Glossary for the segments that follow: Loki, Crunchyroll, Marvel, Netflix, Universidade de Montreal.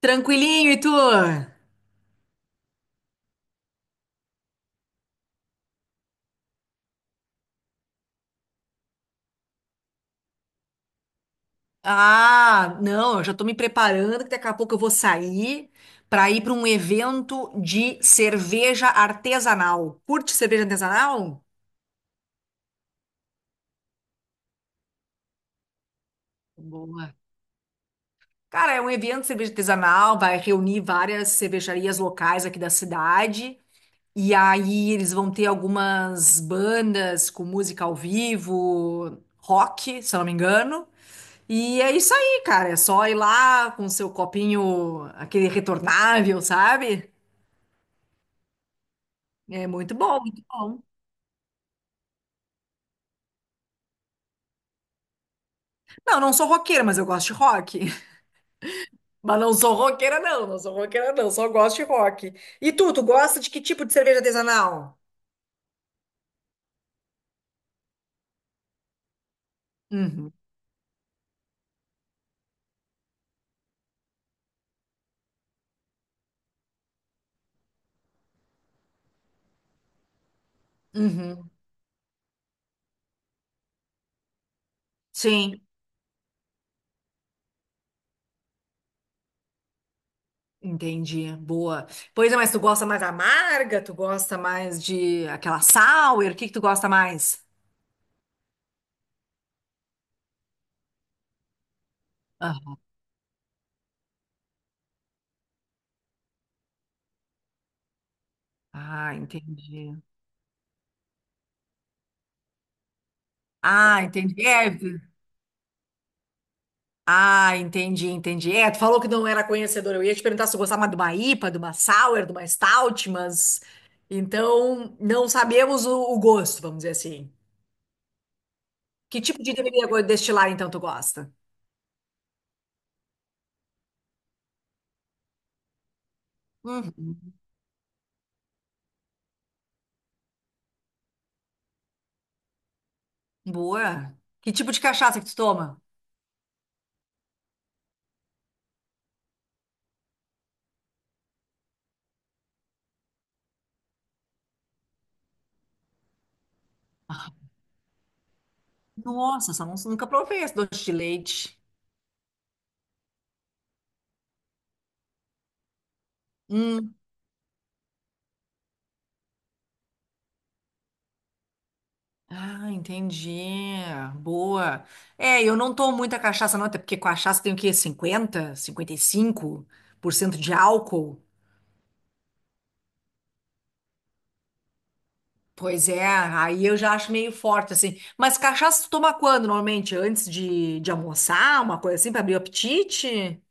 Tranquilinho, e tu? Ah, não, eu já tô me preparando que daqui a pouco eu vou sair pra ir pra um evento de cerveja artesanal. Curte cerveja artesanal? Boa. Cara, é um evento de cerveja artesanal, vai reunir várias cervejarias locais aqui da cidade. E aí eles vão ter algumas bandas com música ao vivo, rock, se eu não me engano. E é isso aí, cara. É só ir lá com seu copinho, aquele retornável, sabe? É muito bom, muito bom. Não, não sou roqueira, mas eu gosto de rock. Mas não sou roqueira, não. Não sou roqueira, não. Só gosto de rock. E tu gosta de que tipo de cerveja artesanal? Uhum, uhum. Sim, entendi. Boa. Pois é, mas tu gosta mais amarga? Tu gosta mais de aquela sour? O que que tu gosta mais? Ah, ah, entendi. Ah, entendi. Ah, entendi, entendi. É, tu falou que não era conhecedora. Eu ia te perguntar se tu gostava de uma IPA, de uma Sour, de uma Stout, mas então não sabemos o gosto, vamos dizer assim. Que tipo de destilar então tu gosta? Uhum. Boa. Que tipo de cachaça que tu toma? Ah, Nossa, essa não, nunca provei esse doce de leite. Hum. Ah, entendi. Boa. É, eu não tomo muita cachaça, não, até porque cachaça tem o quê? Cinquenta, cinquenta e cinco por cento de álcool. Pois é, aí eu já acho meio forte, assim. Mas cachaça tu toma quando, normalmente? Antes de almoçar, uma coisa assim, pra abrir o apetite?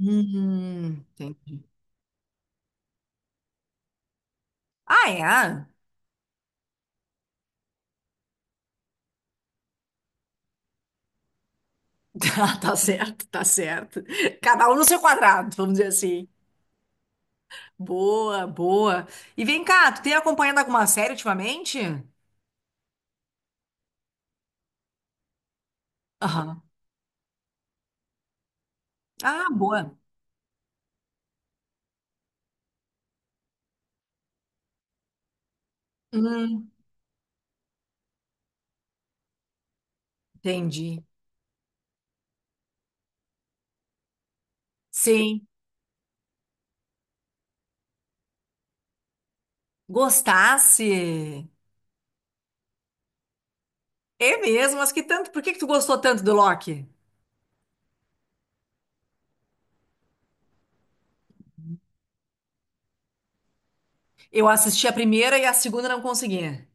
Entendi. Ah, é? Tá, tá certo, tá certo. Cada um no seu quadrado, vamos dizer assim. Boa, boa. E vem cá, tu tem acompanhado alguma série ultimamente? Aham. Ah, boa. Hum, entendi. Sim. Gostasse? É mesmo, mas que tanto? Por que que tu gostou tanto do Loki? Eu assisti a primeira e a segunda não consegui.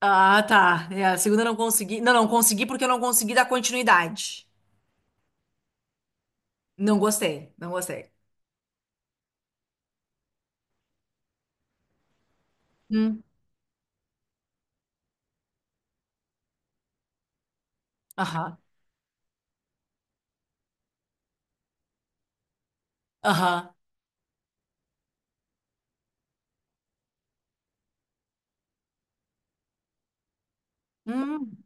Ah, tá. É, a segunda não consegui. Não, não consegui porque eu não consegui dar continuidade. Não gostei, não gostei. Hum. Aham, aham. Hum,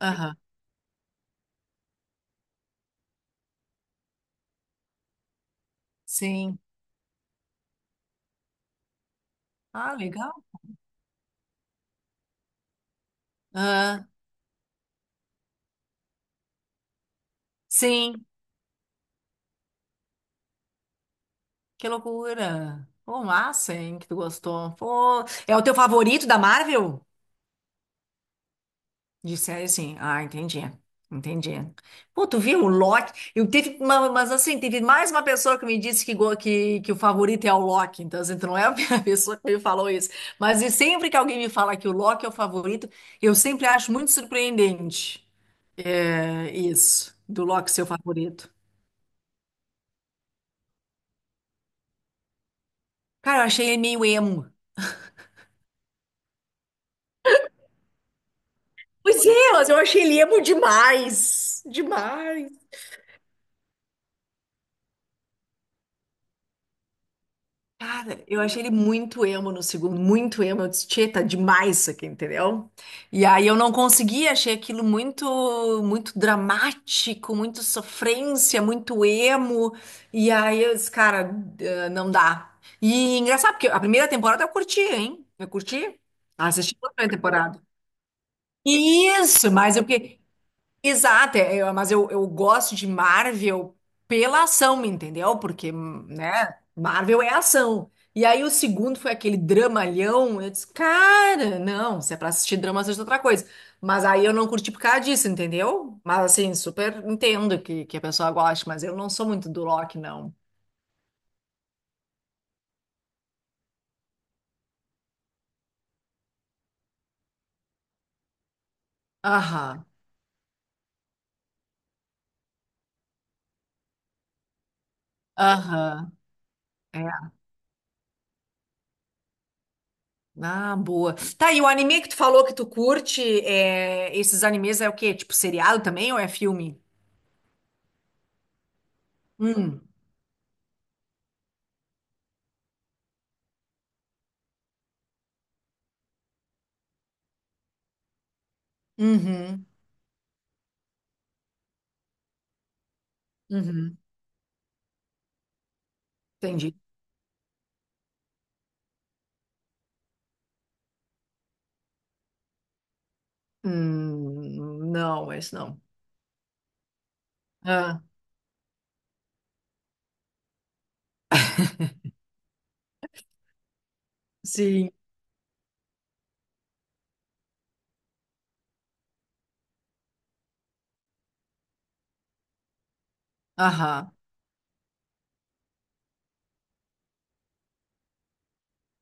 aham. Sim. Ah, legal. Ah, sim. Que loucura. Pô, massa, hein, que tu gostou. Pô, é o teu favorito da Marvel? De série, sim. Ah, entendi. Entendi. Pô, tu viu o Loki? Eu teve uma- mas assim, teve mais uma pessoa que me disse que o favorito é o Loki. Então, assim, tu não é a primeira pessoa que me falou isso. Mas e sempre que alguém me fala que o Loki é o favorito, eu sempre acho muito surpreendente. É, isso, do Loki ser o favorito. Cara, eu achei ele meio emo. Pois é, mas eu achei ele emo demais. Demais. Cara, eu achei ele muito emo no segundo, muito emo. Eu disse, tchê, tá demais isso aqui, entendeu? E aí eu não consegui, achei aquilo muito, muito dramático, muito sofrência, muito emo. E aí eu disse, cara, não dá. E engraçado, porque a primeira temporada eu curti, hein? Eu curti. Assisti toda a primeira temporada. Isso, mas eu fiquei, exato, é, mas eu gosto de Marvel pela ação, entendeu? Porque, né, Marvel é ação. E aí o segundo foi aquele dramalhão, eu disse, cara, não, se é pra assistir drama, assista outra coisa. Mas aí eu não curti por causa disso, entendeu? Mas assim, super entendo que a pessoa goste, mas eu não sou muito do Loki, não. Aham, aham. É. Ah, boa. Tá, e o anime que tu falou que tu curte, é, esses animes é o quê? Tipo seriado também ou é filme? Hum. Uhum, uhum, entendi. Não, mas não. Ah, sim, aham.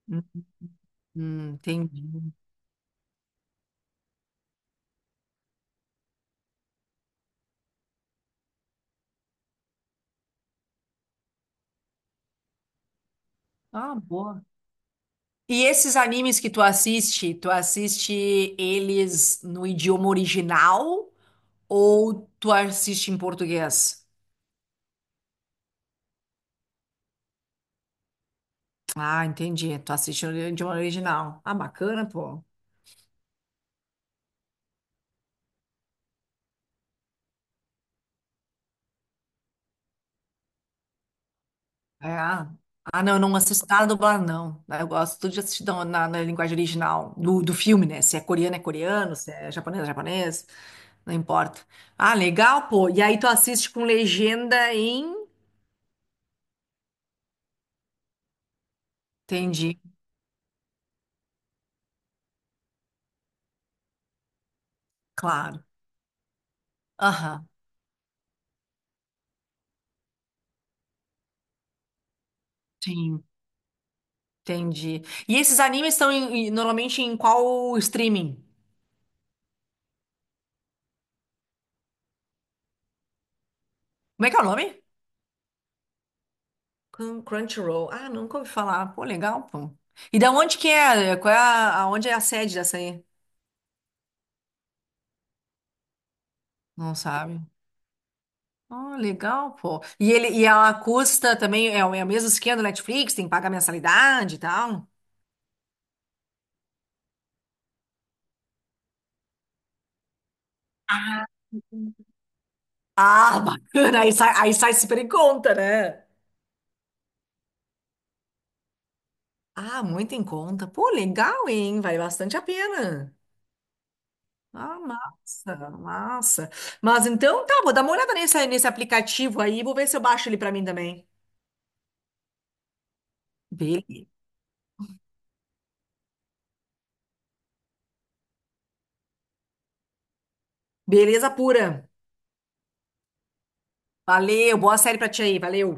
Hum, entendi. Ah, boa. E esses animes que tu assiste eles no idioma original ou tu assiste em português? Ah, entendi. Tu assiste no idioma original. Ah, bacana, pô. É. Ah, não, eu não assisto nada dublado, não. Eu gosto tudo de assistir na, na linguagem original do, do filme, né? Se é coreano, é coreano, se é japonês, é japonês, não importa. Ah, legal, pô. E aí tu assiste com legenda em. Entendi, claro. Aham, sim, entendi. E esses animes estão normalmente em qual streaming? Como é que é o nome? Crunchyroll. Ah, nunca ouvi falar. Pô, legal, pô. E da onde que é? Qual é a, aonde é a sede dessa aí? Não sabe. Oh, legal, pô. E ele e ela custa também, é o, é o mesmo esquema do Netflix, tem que pagar mensalidade e tal. Ah, bacana, aí sai super em conta, né? Ah, muito em conta. Pô, legal, hein? Vale bastante a pena. Ah, massa, massa. Mas então tá, vou dar uma olhada nesse, nesse aplicativo aí, vou ver se eu baixo ele pra mim também. Bele- Beleza pura. Valeu, boa série pra ti aí, valeu.